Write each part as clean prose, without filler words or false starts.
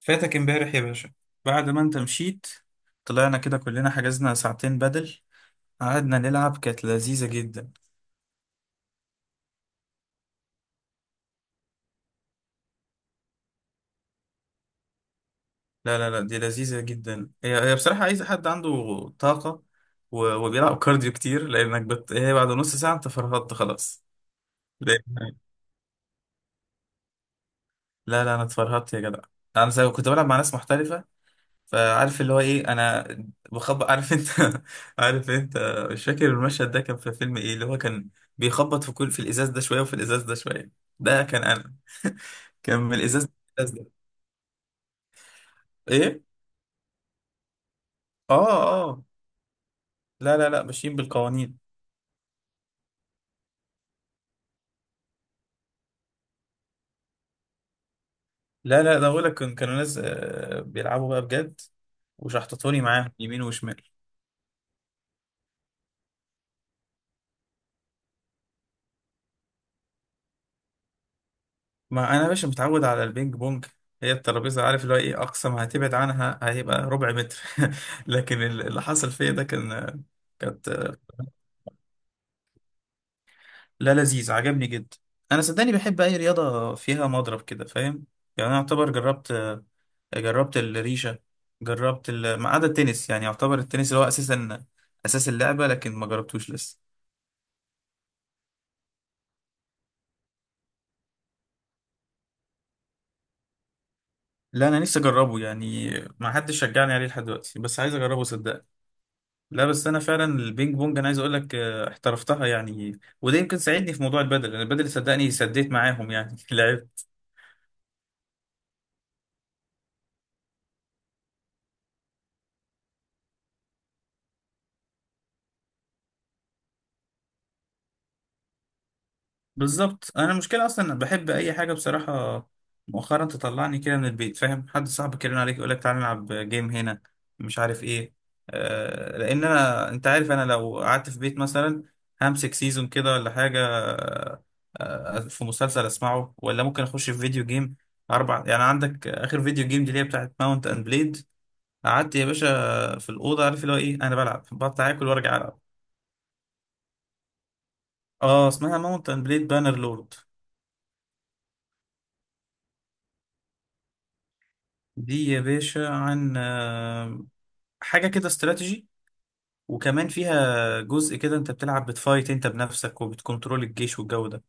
فاتك امبارح يا باشا بعد ما انت مشيت. طلعنا كده كلنا، حجزنا ساعتين بدل. قعدنا نلعب، كانت لذيذة جدا. لا لا لا، دي لذيذة جدا. هي بصراحة عايزة حد عنده طاقة و- وبيلعب كارديو كتير، لأنك هي بعد نص ساعة انت فرهدت خلاص. لأن- لا لا، انا اتفرهدت يا جدع. انا زي كنت بلعب مع ناس محترفة، فعارف اللي هو ايه، انا بخبط، عارف انت؟ عارف انت؟ مش فاكر المشهد ده كان في فيلم ايه، اللي هو كان بيخبط في كل، في الازاز ده شويه وفي الازاز ده شويه، ده كان انا. كان من الازاز للإزاز ده، ايه. اه اه، لا لا لا، ماشيين بالقوانين. لا لا، ده بقول لك كانوا ناس، بيلعبوا بقى بجد، وشحططوني معاهم يمين وشمال. ما انا يا باشا متعود على البينج بونج، هي الترابيزه عارف اللي هو ايه، اقصى ما هتبعد عنها هيبقى ربع متر. لكن اللي حصل فيا ده كان، كانت. لا لذيذ، عجبني جدا. انا صدقني بحب اي رياضه فيها مضرب كده، فاهم؟ يعني انا اعتبر جربت، جربت الريشه، جربت ما عدا التنس، يعني يعتبر التنس اللي هو اساسا اساس اللعبه، لكن ما جربتوش لسه. لا انا نفسي اجربه يعني، ما حدش شجعني عليه لحد دلوقتي، بس عايز اجربه صدقني. لا بس انا فعلا البينج بونج، انا عايز اقول لك احترفتها يعني، وده يمكن ساعدني في موضوع البدل، لان البدل صدقني سديت معاهم يعني. لعبت بالظبط. انا المشكله اصلا بحب اي حاجه بصراحه، مؤخرا تطلعني كده من البيت، فاهم؟ حد صاحبك يرن عليك يقول لك تعالى نلعب جيم هنا، مش عارف ايه. آه، لان انا انت عارف، انا لو قعدت في بيت مثلا همسك سيزون كده ولا حاجه، آه، في مسلسل اسمعه، ولا ممكن اخش في فيديو جيم اربع. يعني عندك اخر فيديو جيم دي، اللي هي بتاعت ماونت اند بليد، قعدت يا باشا في الاوضه، عارف اللي هو ايه، انا بلعب، بطلع اكل وارجع العب. اه اسمها ماونت اند بليد بانر لورد. دي يا باشا عن حاجة كده استراتيجي، وكمان فيها جزء كده انت بتلعب بتفايت انت بنفسك، وبتكنترول الجيش والجو ده.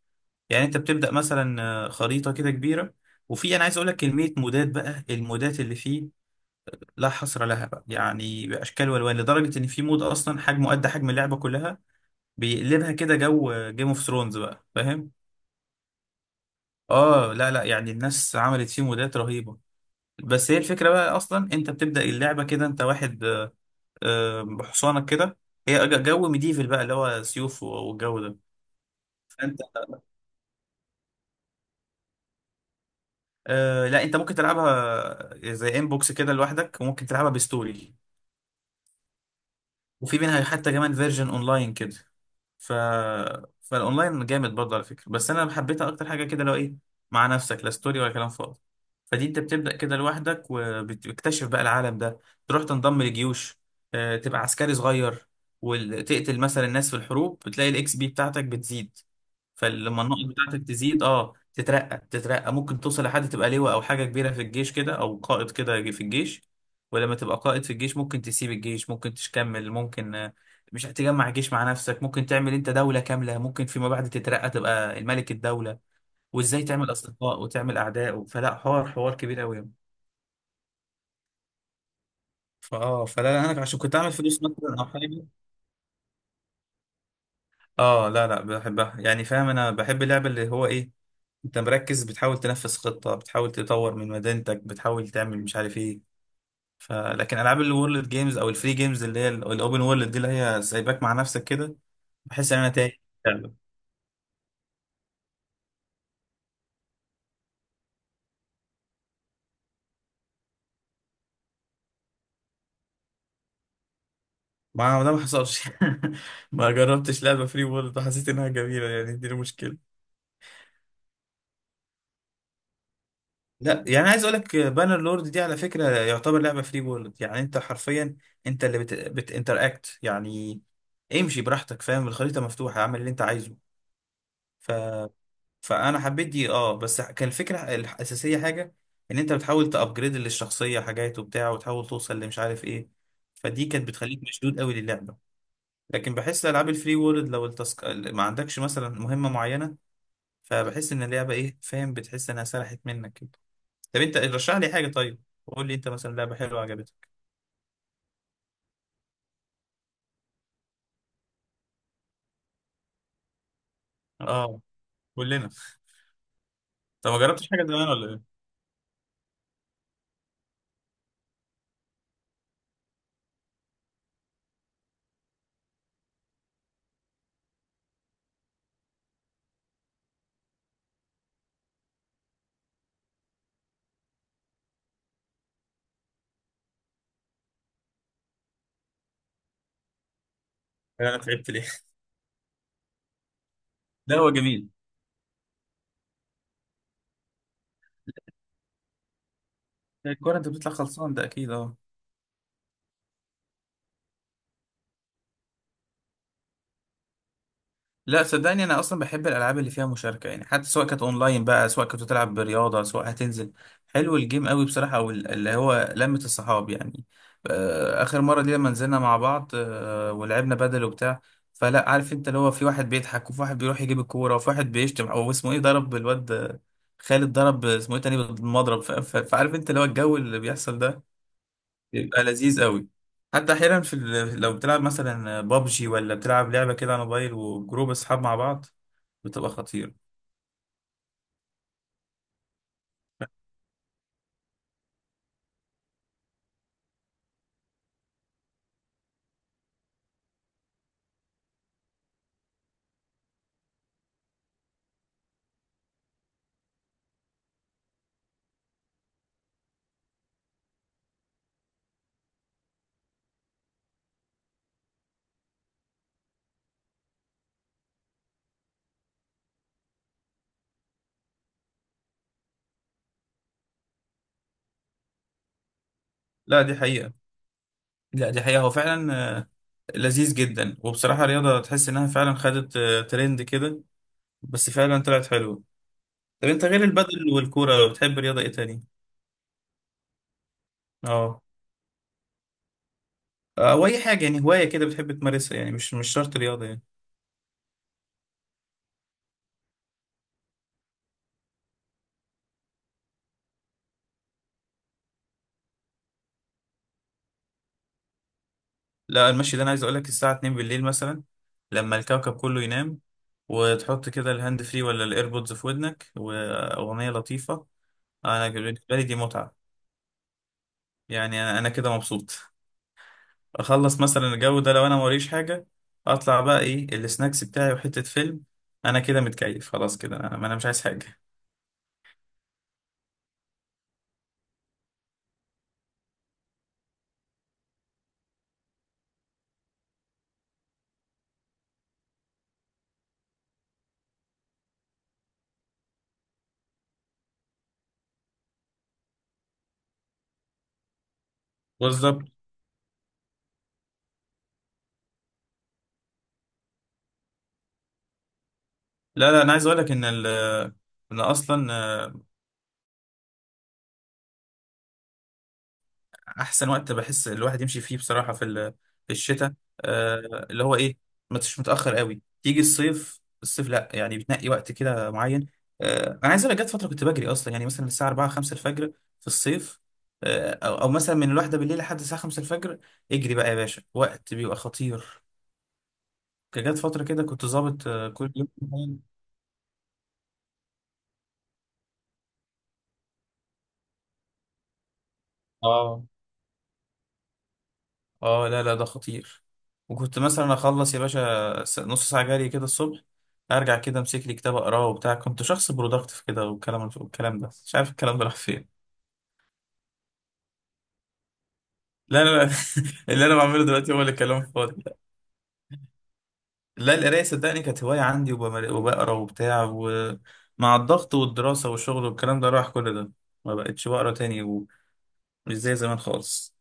يعني انت بتبدأ مثلا خريطة كده كبيرة، وفي، انا عايز اقول لك، كمية مودات بقى. المودات اللي فيه لا حصر لها بقى، يعني باشكال والوان، لدرجة ان في مود اصلا حجمه قد حجم اللعبة كلها، بيقلبها كده جو جيم اوف ثرونز بقى، فاهم؟ اه لا لا، يعني الناس عملت فيه مودات رهيبة. بس هي الفكرة بقى، اصلا انت بتبدأ اللعبة كده انت واحد، بحصانك كده، هي جو ميديفل بقى، اللي هو سيوف والجو ده. فانت آه لا، انت ممكن تلعبها زي انبوكس كده لوحدك، وممكن تلعبها بستوري، وفي منها حتى كمان فيرجن اونلاين كده. ف فالاونلاين جامد برضه على فكره، بس انا حبيتها اكتر حاجه كده لو ايه، مع نفسك، لا ستوري ولا كلام فاضي. فدي انت بتبدا كده لوحدك وبتكتشف بقى العالم ده، تروح تنضم لجيوش، تبقى عسكري صغير، وتقتل مثلا الناس في الحروب، بتلاقي الاكس بي بتاعتك بتزيد. فلما النقط بتاعتك تزيد اه تترقى، تترقى، ممكن توصل لحد تبقى لواء او حاجه كبيره في الجيش كده، او قائد كده في الجيش. ولما تبقى قائد في الجيش ممكن تسيب الجيش، ممكن تكمل، ممكن مش هتجمع جيش مع نفسك، ممكن تعمل انت دولة كاملة، ممكن فيما بعد تترقى تبقى الملك الدولة، وازاي تعمل اصدقاء وتعمل اعداء فلا، حوار حوار كبير قوي. فاه فلا لا، انا عشان كنت اعمل فلوس مثلا او حاجه. اه لا لا، بحبها يعني، فاهم؟ انا بحب اللعبه اللي هو ايه انت مركز، بتحاول تنفذ خطه، بتحاول تطور من مدينتك، بتحاول تعمل مش عارف ايه. فلكن العاب الورلد جيمز او الفري جيمز، اللي هي الاوبن وورلد دي، اللي هي سايباك مع نفسك كده، بحس ان انا تاني لعبة. ما هو ده ما حصلش. ما جربتش لعبه فري وورلد وحسيت انها جميله، يعني دي المشكله. لا يعني عايز اقول لك بانر لورد دي على فكره يعتبر لعبه فري وورلد، يعني انت حرفيا انت اللي بتinteract يعني، امشي براحتك فاهم، الخريطه مفتوحه، اعمل اللي انت عايزه. ف... فانا حبيت دي اه، بس كان الفكره الاساسيه حاجه، ان انت بتحاول تابجريد للشخصيه حاجات وبتاع، وتحاول توصل لمش عارف ايه. فدي كانت بتخليك مشدود قوي للعبه. لكن بحس العاب الفري وورلد لو ما عندكش مثلا مهمه معينه، فبحس ان اللعبه ايه فاهم، بتحس انها سرحت منك كده. طب انت رشح لي حاجه طيب، قول لي انت مثلا لعبه حلوه عجبتك. اه كلنا. طب ما جربتش حاجه زمان ولا؟ ايه انا تعبت ليه؟ لا هو جميل. الكوره انت بتطلع خلصان ده اكيد اه. لا صدقني، انا اصلا بحب الالعاب اللي فيها مشاركه، يعني حتى سواء كانت اونلاين بقى، سواء كنت تلعب رياضه، سواء هتنزل. حلو الجيم قوي بصراحه، او اللي هو لمه الصحاب يعني. اخر مره دي لما نزلنا مع بعض ولعبنا بدل وبتاع، فلا عارف انت اللي هو في واحد بيضحك، وفي واحد بيروح يجيب الكوره، وفي واحد بيشتم، او اسمه ايه ضرب الواد خالد، ضرب اسمه ايه تاني بالمضرب، فعارف انت اللي هو الجو اللي بيحصل ده، يبقى لذيذ قوي. حتى احيانا في لو بتلعب مثلا بابجي، ولا بتلعب لعبه كده على موبايل، وجروب اصحاب مع بعض، بتبقى خطيره. لا دي حقيقه، لا دي حقيقه، هو فعلا لذيذ جدا. وبصراحه رياضه تحس انها فعلا خدت ترند كده، بس فعلا طلعت حلوه. طب انت غير البادل والكوره لو بتحب رياضه ايه تاني؟ اه. او اي حاجه يعني، هوايه كده بتحب تمارسها يعني، مش مش شرط رياضه يعني. لا المشي ده انا عايز اقول لك الساعه 2 بالليل مثلا، لما الكوكب كله ينام، وتحط كده الهاند فري ولا الايربودز في ودنك واغنيه لطيفه، انا بالنسبه لي دي متعه، يعني انا أنا كده مبسوط. اخلص مثلا الجو ده لو انا موريش حاجه، اطلع بقى ايه السناكس بتاعي وحته فيلم، انا كده متكيف خلاص كده، انا انا مش عايز حاجه. بالظبط. لا لا انا عايز اقول لك ان اصلا احسن وقت بحس الواحد يمشي فيه بصراحه في في الشتاء، آه اللي هو ايه، ما تش متاخر قوي تيجي الصيف، الصيف لا، يعني بتنقي وقت كده معين. آه انا عايز اقول لك جت فتره كنت بجري اصلا، يعني مثلا الساعه 4 5 الفجر في الصيف، آه او, أو مثلا من الواحده بالليل لحد الساعه 5 الفجر، اجري بقى يا باشا، وقت بيبقى خطير. كان جت فتره كده كنت ظابط كل يوم. اه اه، لا لا، ده خطير. وكنت مثلا اخلص يا باشا نص ساعة جري كده الصبح، ارجع كده امسك لي كتاب اقراه وبتاع، كنت شخص برودكتيف كده، والكلام والكلام ده، مش عارف الكلام ده راح فين. لا لا لا. اللي انا بعمله دلوقتي هو اللي كلام فاضي. لا القراية صدقني كانت هواية عندي، وبقرا وبتاع، ومع الضغط والدراسة والشغل والكلام ده راح كل ده، ما بقتش بقرا تاني، ومش زي زمان خالص.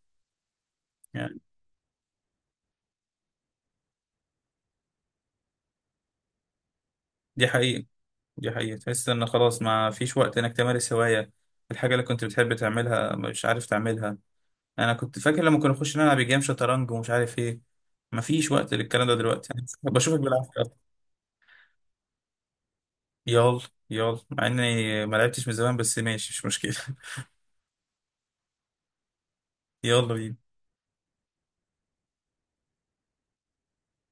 دي حقيقة، دي حقيقة، تحس ان خلاص ما فيش وقت انك تمارس هواية، الحاجة اللي كنت بتحب تعملها مش عارف تعملها. انا كنت فاكر لما كنا نخش نلعب جيم شطرنج ومش عارف ايه، ما فيش وقت للكلام ده دلوقتي. يعني بشوفك بالعافية أصلاً. يلا، يلا مع اني ما لعبتش من زمان، بس ماشي مش مشكلة. يلا بينا.